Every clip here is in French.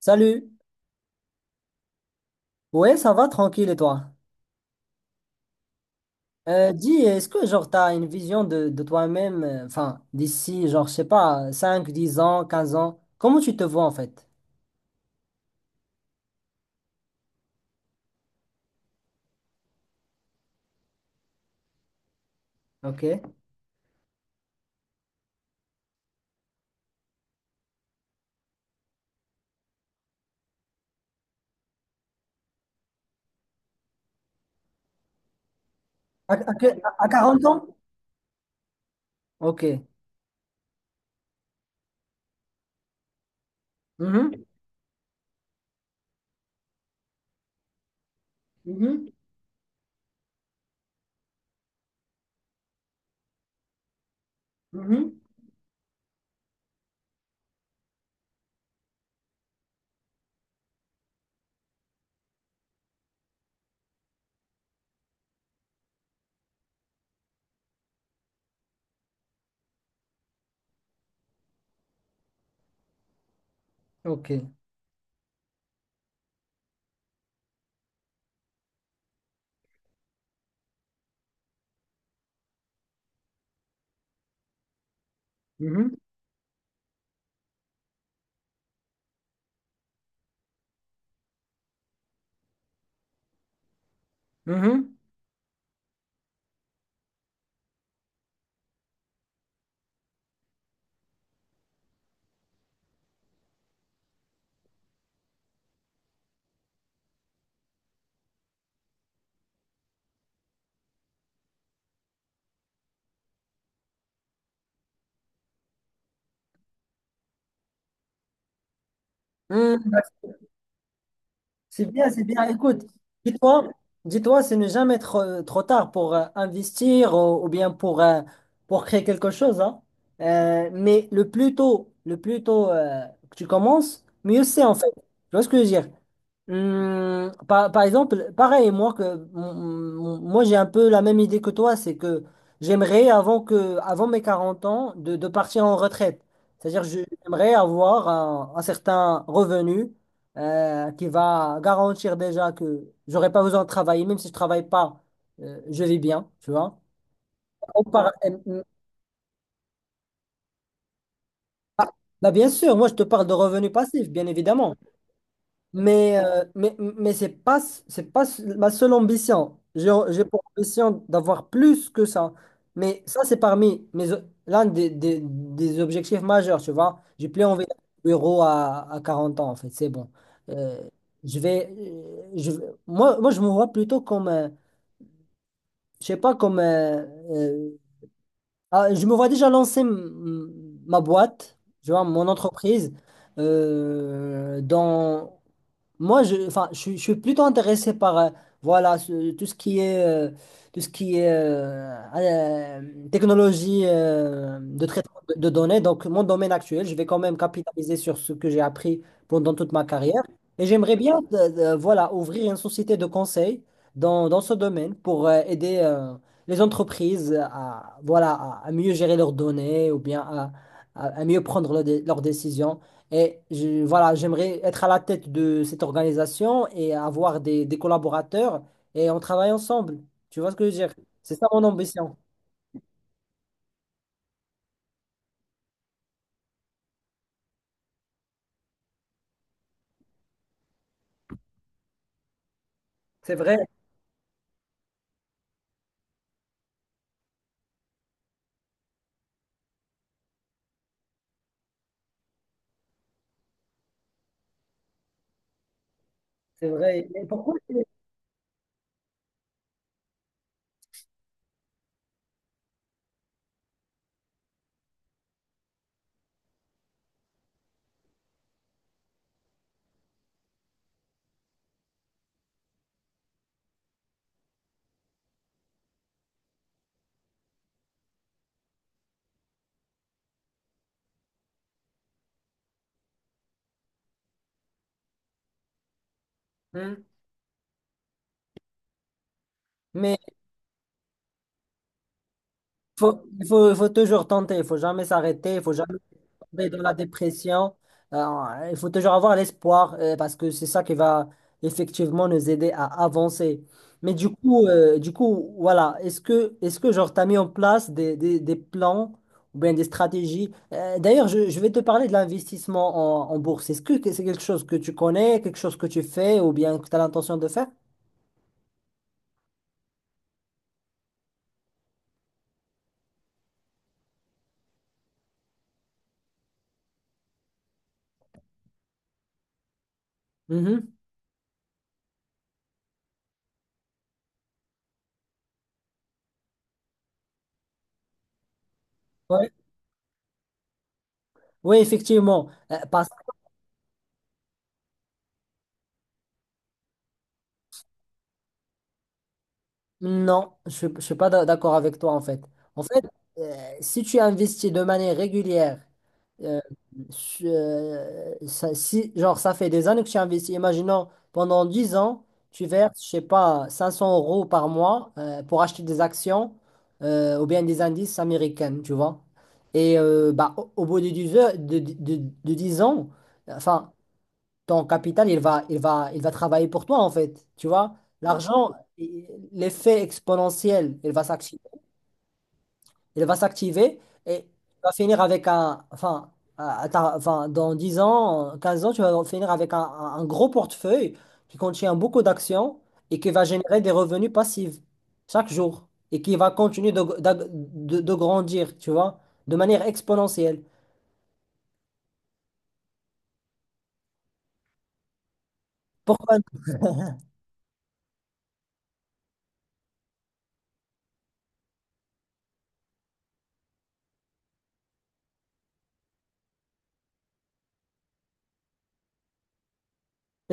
Salut. Ouais, ça va tranquille et toi? Dis, est-ce que t'as une vision de toi-même, enfin d'ici je sais pas 5, 10 ans, 15 ans, comment tu te vois en fait? Ok. À 40 ans? Ok. Mhm. Mhm. Mhm. Ok. Mhm. Mhm. Mhm. Hmm. C'est bien, c'est bien. Écoute, dis-toi, dis-toi, c'est ne jamais trop tard pour investir ou bien pour créer quelque chose, hein. Mais le plus tôt que tu commences, mieux c'est en fait. Tu vois ce que je veux dire? Par exemple, pareil, moi, que, mon- mon- moi j'ai un peu la même idée que toi, c'est que j'aimerais, avant mes 40 ans, de partir en retraite. C'est-à-dire, j'aimerais avoir un certain revenu qui va garantir déjà que j'aurai pas besoin de travailler, même si je travaille pas, je vis bien, tu vois. On par- euh, euh, ah, Bah, bien sûr, moi je te parle de revenus passifs, bien évidemment. Mais c'est pas ma seule ambition. J'ai pour ambition d'avoir plus que ça. Mais ça, c'est parmi l'un des objectifs majeurs, tu vois. J'ai plus envie d'être bureau à 40 ans, en fait. C'est bon. Euh, je vais, moi, je me vois plutôt comme, je sais pas, je me vois déjà lancer ma boîte, je vois, mon entreprise. Dans... Moi, je, enfin, je, suis Je suis plutôt intéressé par voilà, tout ce qui est technologie de traitement de données. Donc, mon domaine actuel, je vais quand même capitaliser sur ce que j'ai appris pendant toute ma carrière. Et j'aimerais bien voilà, ouvrir une société de conseil dans ce domaine pour aider les entreprises à, voilà, à mieux gérer leurs données ou bien à mieux prendre leurs décisions. Voilà, j'aimerais être à la tête de cette organisation et avoir des collaborateurs et on travaille ensemble. Tu vois ce que je veux dire? C'est ça mon ambition. C'est vrai, c'est vrai. Mais pourquoi? Hmm. Mais il faut toujours tenter, il faut jamais s'arrêter, il faut jamais tomber dans la dépression. Il faut toujours avoir l'espoir parce que c'est ça qui va effectivement nous aider à avancer. Du coup, voilà, est-ce que t'as mis en place des plans ou bien des stratégies? D'ailleurs, je vais te parler de l'investissement en bourse. Est-ce que c'est quelque chose que tu connais, quelque chose que tu fais ou bien que tu as l'intention de faire? Mhm. Ouais. Oui, effectivement. Parce Non, je ne suis pas d'accord avec toi en fait. En fait, euh, si tu investis de manière régulière, euh, si, ça fait des années que tu investis, imaginons pendant 10 ans, tu verses, je sais pas, 500 euros par mois pour acheter des actions ou bien des indices américains, tu vois. Et bah, au bout de 10 heures, de 10 ans, enfin, ton capital, il va travailler pour toi, en fait. Tu vois, l'argent, i- l'effet exponentiel, il va s'activer et tu vas finir avec un, enfin, enfin, dans 10 ans, 15 ans, tu vas finir avec un gros portefeuille qui contient beaucoup d'actions et qui va générer des revenus passifs chaque jour et qui va continuer de grandir, tu vois, de manière exponentielle. Pourquoi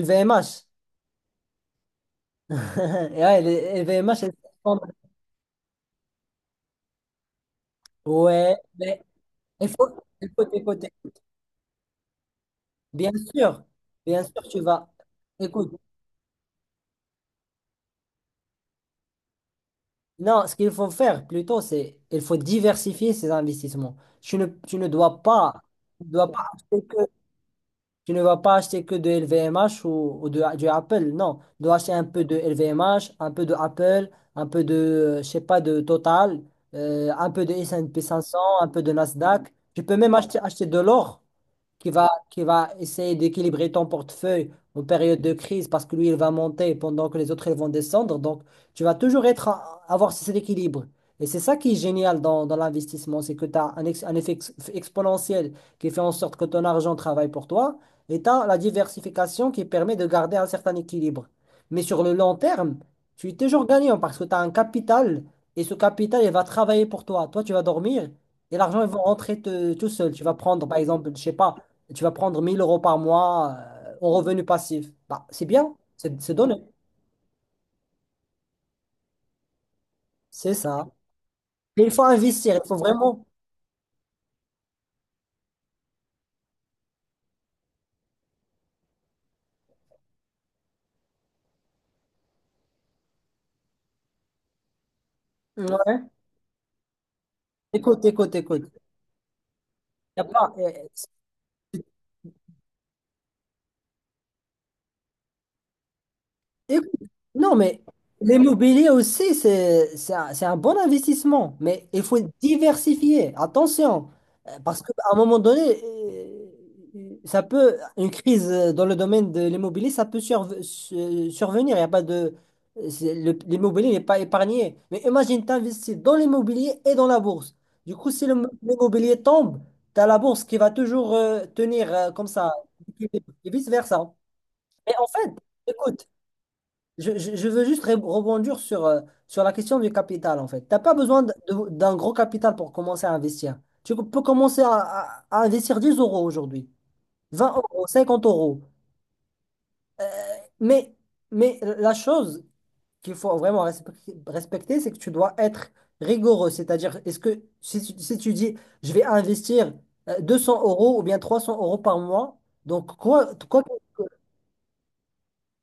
LVMH? Et ouais, les LVMH. Ouais, mais il faut, il faut t'écouter. Bien sûr, bien sûr, tu vas. Écoute, non, ce qu'il faut faire plutôt, c'est il faut diversifier ses investissements. Tu ne dois pas, tu ne dois pas acheter que, tu ne vas pas acheter que de LVMH ou du Apple. Non, tu dois acheter un peu de LVMH, un peu de Apple, un peu je sais pas, de Total, un peu de S&P 500, un peu de Nasdaq. Tu peux même acheter de l'or. Qui va, qui va essayer d'équilibrer ton portefeuille en période de crise parce que lui, il va monter pendant que les autres, ils vont descendre. Donc, tu vas toujours être à- avoir cet équilibre. Et c'est ça qui est génial dans l'investissement, c'est que tu as un effet exponentiel qui fait en sorte que ton argent travaille pour toi et tu as la diversification qui permet de garder un certain équilibre. Mais sur le long terme, tu es toujours gagnant parce que tu as un capital et ce capital, il va travailler pour toi. Toi, tu vas dormir et l'argent, il va rentrer tout seul. Tu vas prendre, par exemple, je sais pas, tu vas prendre 1000 euros par mois en revenu passif. Bah, c'est bien, c'est donné, c'est ça. Mais il faut investir, il faut vraiment. Ouais. Écoute, écoute, écoute. Y a pas, Écoute, non, mais l'immobilier aussi, c'est un bon investissement, mais il faut diversifier. Attention, parce qu'à un moment donné, ça peut, une crise dans le domaine de l'immobilier, ça peut survenir. Il y a pas l'immobilier n'est pas épargné. Mais imagine, tu investis dans l'immobilier et dans la bourse. Du coup, si l'immobilier tombe, tu as la bourse qui va toujours tenir comme ça, et vice-versa. Mais en fait, écoute, je veux juste rebondir sur, sur la question du capital, en fait. Tu n'as pas besoin d'un gros capital pour commencer à investir. Tu peux commencer à investir 10 euros aujourd'hui, vingt euros, 50 euros. Mais, mais la chose qu'il faut vraiment respecter, c'est que tu dois être rigoureux. C'est-à-dire, est-ce que si, tu si tu dis, je vais investir deux cents euros ou bien 300 euros par mois, donc quoi, quoi,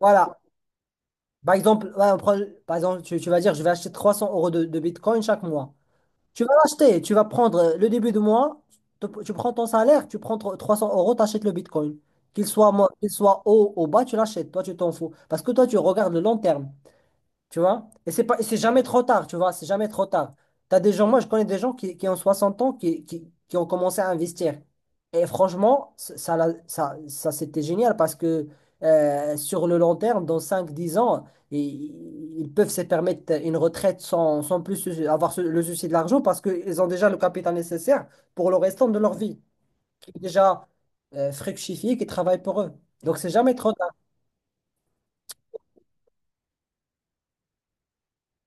voilà. Par exemple, ouais, par exemple tu vas dire, je vais acheter 300 euros de Bitcoin chaque mois. Tu vas l'acheter, tu vas prendre le début de mois, tu prends ton salaire, tu prends 300 euros, tu achètes le Bitcoin. Qu'il soit, qu'il soit haut ou bas, tu l'achètes, toi tu t'en fous. Parce que toi tu regardes le long terme. Tu vois? Et c'est jamais trop tard, tu vois? C'est jamais trop tard. T'as des gens, moi, je connais des gens qui ont 60 ans, qui ont commencé à investir. Et franchement, ça, c'était génial parce que sur le long terme, dans cinq dix ans, ils, ils peuvent se permettre une retraite sans plus avoir le souci de l'argent parce qu'ils ont déjà le capital nécessaire pour le restant de leur vie, qui est déjà fructifié, qui travaille pour eux. Donc, c'est jamais trop.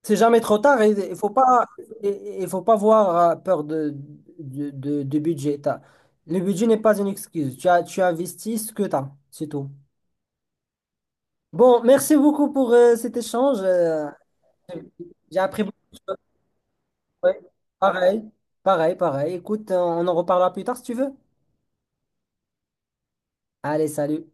C'est jamais trop tard et il il faut pas avoir peur de budget. Le budget n'est pas une excuse. Tu as, tu investis ce que tu as, c'est tout. Bon, merci beaucoup pour cet échange. J'ai appris beaucoup. Ouais. Pareil, pareil, pareil. Écoute, on en reparlera plus tard si tu veux. Allez, salut.